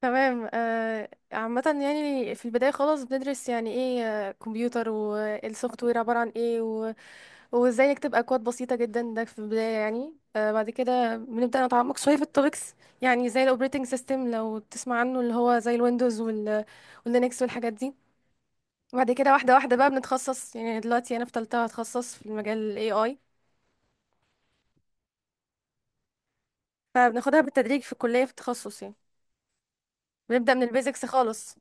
تمام. عامة يعني في البداية خالص بندرس يعني ايه، كمبيوتر والسوفت وير عبارة عن ايه و... وازاي نكتب اكواد بسيطة جدا، ده في البداية يعني. بعد كده بنبدأ نتعمق شوية في التوبكس، يعني زي الاوبريتنج سيستم لو تسمع عنه، اللي هو زي الويندوز وال... واللينكس والحاجات دي. وبعد كده واحدة واحدة بقى بنتخصص، يعني دلوقتي انا في تالتة، هتخصص في المجال ال AI، فبناخدها بالتدريج في الكلية في التخصص يعني، بنبدأ من البيزكس خالص.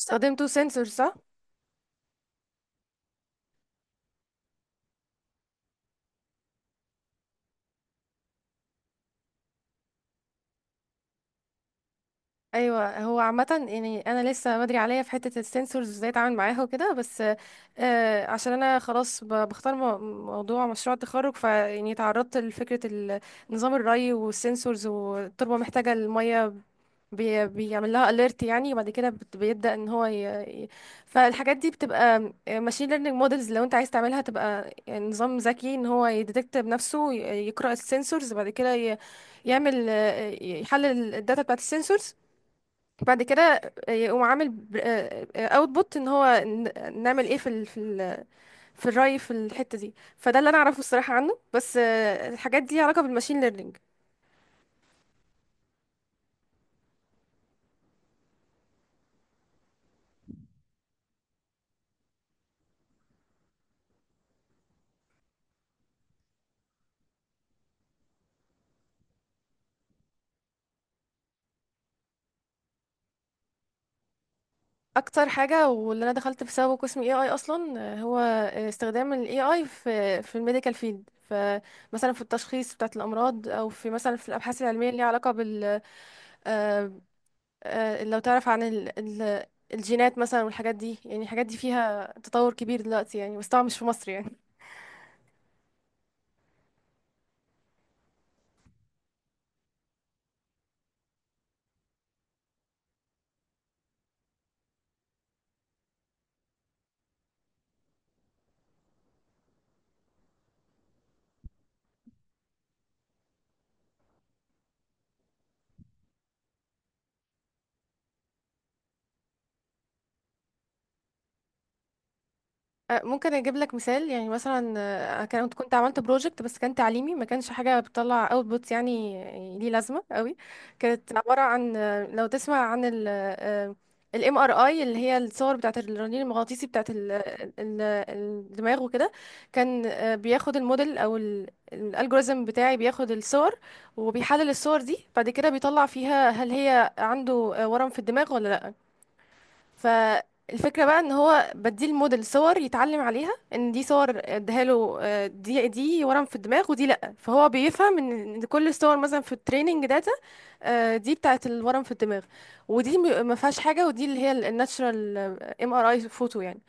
استخدمتوا سنسور صح؟ ايوه، هو عامه يعني انا لسه بدري عليا في حته السنسورز ازاي اتعامل معاها وكده، بس آه عشان انا خلاص بختار موضوع مشروع التخرج، فيعني تعرضت لفكره نظام الري والسنسورز والتربه محتاجه الميه، بي بيعمل لها اليرت يعني، وبعد كده بيبدا ان هو ي- فالحاجات دي بتبقى ماشين ليرنينج مودلز. لو انت عايز تعملها تبقى يعني نظام ذكي ان هو يديتكت بنفسه، يقرا السنسورز، بعد كده يعمل، يحلل الداتا بتاعت السنسورز، بعد كده يقوم عامل اوتبوت ان هو نعمل ايه في ال في ال في الري، في الحته دي. فده اللي انا اعرفه الصراحه عنه، بس الحاجات دي ليها علاقه بالماشين ليرنينج. اكتر حاجه واللي انا دخلت بسببه قسم اي اي اصلا، هو استخدام الاي اي في في الميديكال فيلد. فمثلا في التشخيص بتاعت الامراض، او في مثلا في الابحاث العلميه اللي ليها علاقه بال، آه، لو تعرف عن ال الجينات مثلا والحاجات دي، يعني الحاجات دي فيها تطور كبير دلوقتي يعني، بس طبعا مش في مصر يعني. ممكن اجيب لك مثال يعني. مثلا، كنت عملت بروجكت بس كان تعليمي، ما كانش حاجه بتطلع اوتبوت يعني، يعني ليه لازمه قوي. كانت عباره عن، لو تسمع عن الام ار اي، اللي هي الصور بتاعه الرنين المغناطيسي بتاعه ال- الدماغ وكده. كان بياخد الموديل او الالجوريزم بتاعي، بياخد الصور وبيحلل الصور دي، بعد كده بيطلع فيها هل هي عنده ورم في الدماغ ولا لا. فالفكرة بقى ان هو بديه الموديل صور يتعلم عليها، ان دي صور اديها له، دي ورم في الدماغ، ودي لا، فهو بيفهم ان إن كل الصور مثلا في التريننج داتا، دي بتاعت الورم في الدماغ، ودي ما فيهاش حاجة، ودي اللي هي الناتشرال ام ار اي فوتو يعني.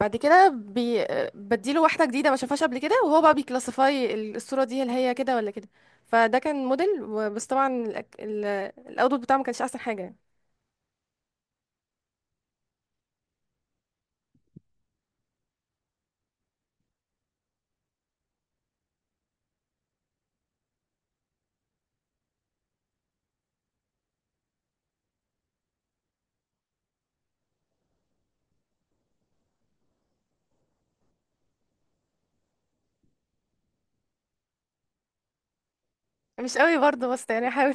بعد كده بي آه، بديله واحدة جديدة ما شافهاش قبل كده، وهو بقى بيكلاسيفاي الصورة دي هل هي كده ولا كده. فده كان موديل، بس طبعا الاوتبوت بتاعه ما كانش احسن حاجة يعني. مش قوي برضه، بس يعني حاول.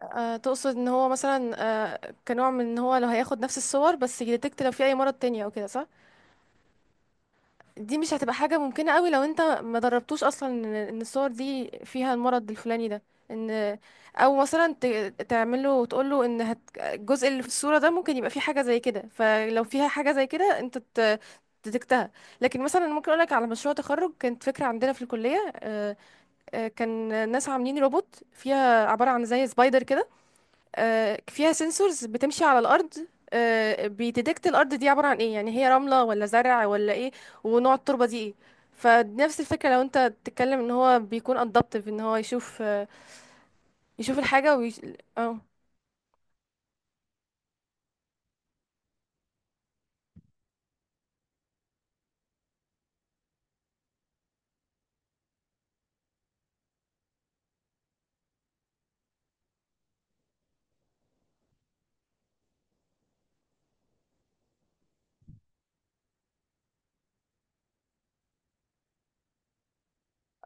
تقصد ان هو مثلا، كنوع من ان هو لو هياخد نفس الصور بس يديتكت لو في اي مرض تاني او كده، صح؟ دي مش هتبقى حاجة ممكنة قوي لو انت ما دربتوش اصلا ان إن الصور دي فيها المرض الفلاني ده. ان او مثلا تعمله وتقوله ان هت... الجزء اللي في الصورة ده ممكن يبقى فيه حاجة زي كده، فلو فيها حاجة زي كده انت ت... تدكتها. لكن مثلا ممكن اقولك على مشروع تخرج كانت فكرة عندنا في الكلية، كان ناس عاملين روبوت، فيها عبارة عن زي سبايدر كده، فيها سنسورز بتمشي على الارض، بيديتكت الارض دي عباره عن ايه، يعني هي رمله ولا زرع ولا ايه، ونوع التربه دي ايه. فنفس الفكره لو انت تتكلم ان هو بيكون ادابتيف، ان هو يشوف، يشوف الحاجه ويش... اه.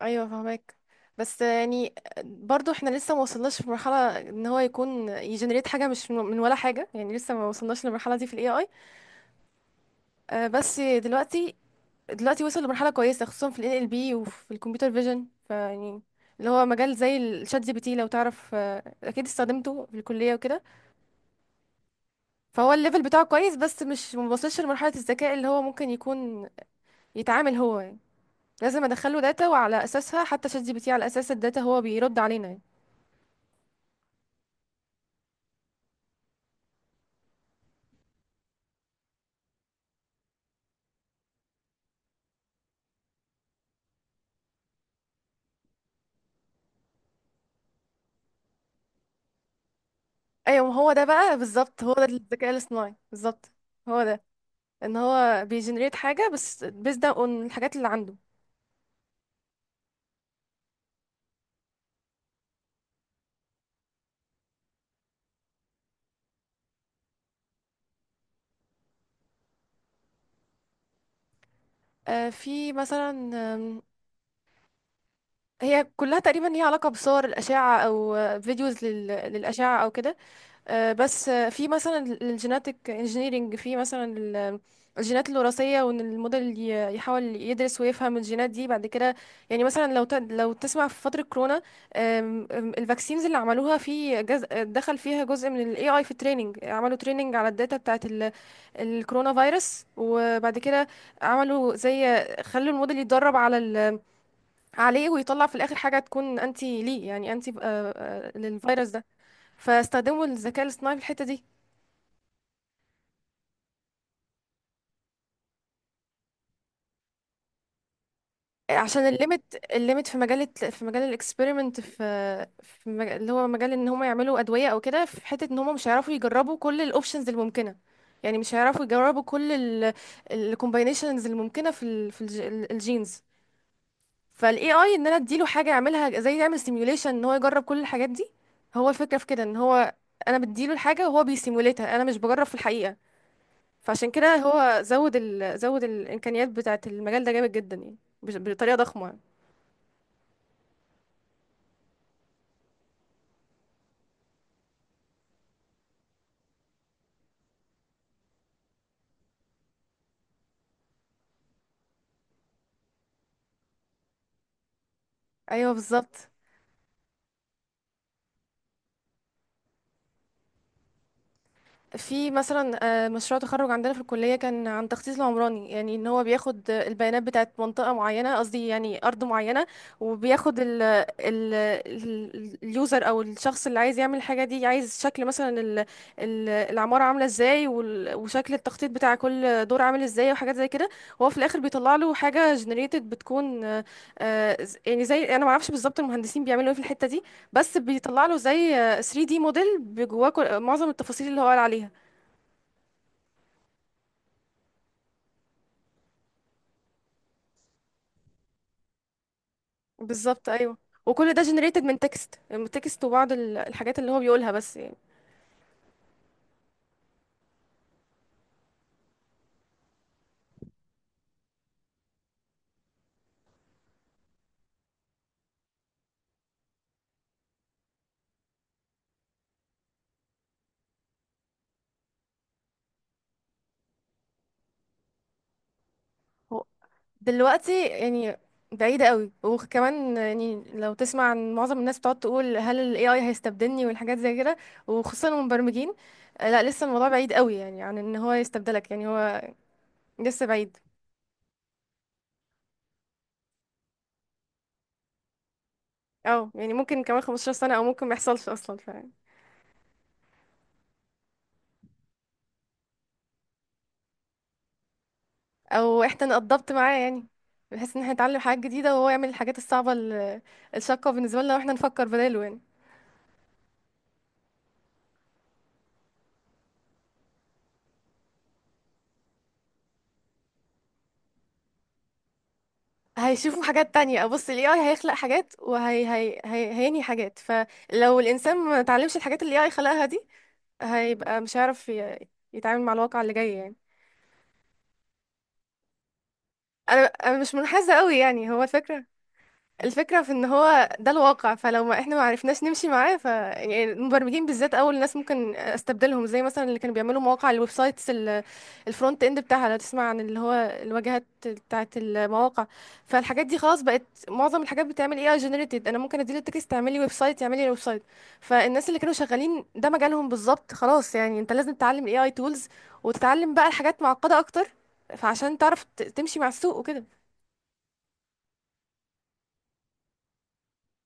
ايوه فهمك، بس يعني برضو احنا لسه ما وصلناش في مرحله ان هو يكون يجنريت حاجه مش من ولا حاجه، يعني لسه ما وصلناش للمرحله دي في الاي اي. بس دلوقتي وصل لمرحلة كويسة، خصوصا في ال NLP وفي الكمبيوتر فيجن، فيعني اللي هو مجال زي الشات جي بي تي، لو تعرف، اكيد استخدمته في الكلية وكده. فهو الليفل بتاعه كويس، بس مش موصلش لمرحلة الذكاء اللي هو ممكن يكون يتعامل هو يعني، لازم ادخله داتا وعلى اساسها، حتى شات جي بي تي على اساس الداتا هو بيرد علينا يعني. ايوه، ما هو ده بقى بالظبط، هو ده الذكاء الاصطناعي بالظبط، هو ده ان هو بيجنريت حاجة بس بيزد اون الحاجات اللي عنده. في مثلا، هي كلها تقريبا ليها علاقة بصور الأشعة، أو فيديوز لل... للأشعة أو كده. آه، بس آه، في مثلا الجيناتيك انجينيرينج، في مثلا الجينات الوراثية، وإن الموديل يحاول يدرس ويفهم الجينات دي. بعد كده يعني مثلا لو ت... لو تسمع في فترة كورونا، آم، آم، الفاكسينز اللي عملوها في جز... دخل فيها جزء من ال AI في التريننج، عملوا تريننج على الداتا بتاعت الكورونا فيروس، وبعد كده عملوا زي خلوا الموديل يتدرب على عليه، ويطلع في الاخر حاجه تكون انتي ليه، يعني انتي، للفيروس ده. فاستخدموا الذكاء الاصطناعي في الحته دي عشان الليمت في مجال في مجال الاكسبيرمنت، في اللي هو مجال ان هم يعملوا ادويه او كده، في حته ان هم مش هيعرفوا يجربوا كل الاوبشنز الممكنه، يعني مش هيعرفوا يجربوا كل الكومباينيشنز الممكنه في ال في الجينز. فالاي اي، ان انا اديله حاجه يعملها زي يعمل سيميوليشن ان هو يجرب كل الحاجات دي. هو الفكره في كده ان هو انا بديله الحاجه وهو بيسيموليتها، انا مش بجرب في الحقيقه. فعشان كده هو زود الامكانيات بتاعه. المجال ده جامد جدا يعني، بطريقه ضخمه. ايوه بالظبط. في مثلا، مشروع تخرج عندنا في الكلية كان عن تخصيص العمراني، يعني ان هو بياخد، البيانات بتاعت منطقة معينة، قصدي يعني أرض معينة، وبياخد ال اليوزر او الشخص اللي عايز يعمل الحاجة دي، عايز شكل مثلا ال العمارة عاملة ازاي، وال- وشكل التخطيط بتاع كل دور عامل ازاي، وحاجات زي كده. وهو في الاخر بيطلع له حاجة generated، بتكون يعني زي، انا ما اعرفش بالظبط المهندسين بيعملوا ايه في الحتة دي، بس بيطلع له زي 3D موديل بجواه معظم التفاصيل اللي هو قال عليها. بالظبط ايوه. وكل ده generated من تكست، من تكست وبعض الحاجات اللي هو بيقولها بس يعني. هو دلوقتي يعني بعيدة قوي. وكمان يعني لو تسمع عن معظم الناس بتقعد تقول هل ال AI هيستبدلني والحاجات زي كده، وخصوصا المبرمجين. لا لسه الموضوع بعيد قوي يعني عن ان هو يستبدلك، يعني هو لسه بعيد. اه يعني ممكن كمان 15 سنة، او ممكن ما يحصلش اصلا. ف او احنا نقضبط معاه يعني، بحيث ان احنا نتعلم حاجات جديده، وهو يعمل الحاجات الصعبه الشاقه بالنسبه لنا، واحنا نفكر بداله يعني. هيشوفوا حاجات تانية. بص، ال AI هيخلق حاجات، وهي هي هي هينهي حاجات، فلو الإنسان ما اتعلمش الحاجات اللي AI خلقها دي، هيبقى مش هيعرف يتعامل مع الواقع اللي جاي يعني. أنا مش منحازة قوي يعني. هو الفكرة في ان هو ده الواقع، فلو ما احنا ما عرفناش نمشي معاه، ف يعني المبرمجين بالذات اول ناس ممكن استبدلهم. زي مثلا اللي كانوا بيعملوا مواقع الويب سايتس، الفرونت اند بتاعها، لو تسمع عن، اللي هو الواجهات بتاعة المواقع. فالحاجات دي خلاص بقت معظم الحاجات بتعمل اي اي جنريتد، انا ممكن اديله التكست تعملي ويب سايت، يعمل لي ويب سايت. فالناس اللي كانوا شغالين ده مجالهم بالظبط خلاص يعني. انت لازم تتعلم الاي اي تولز، وتتعلم بقى الحاجات معقدة اكتر، فعشان تعرف تمشي مع السوق وكده.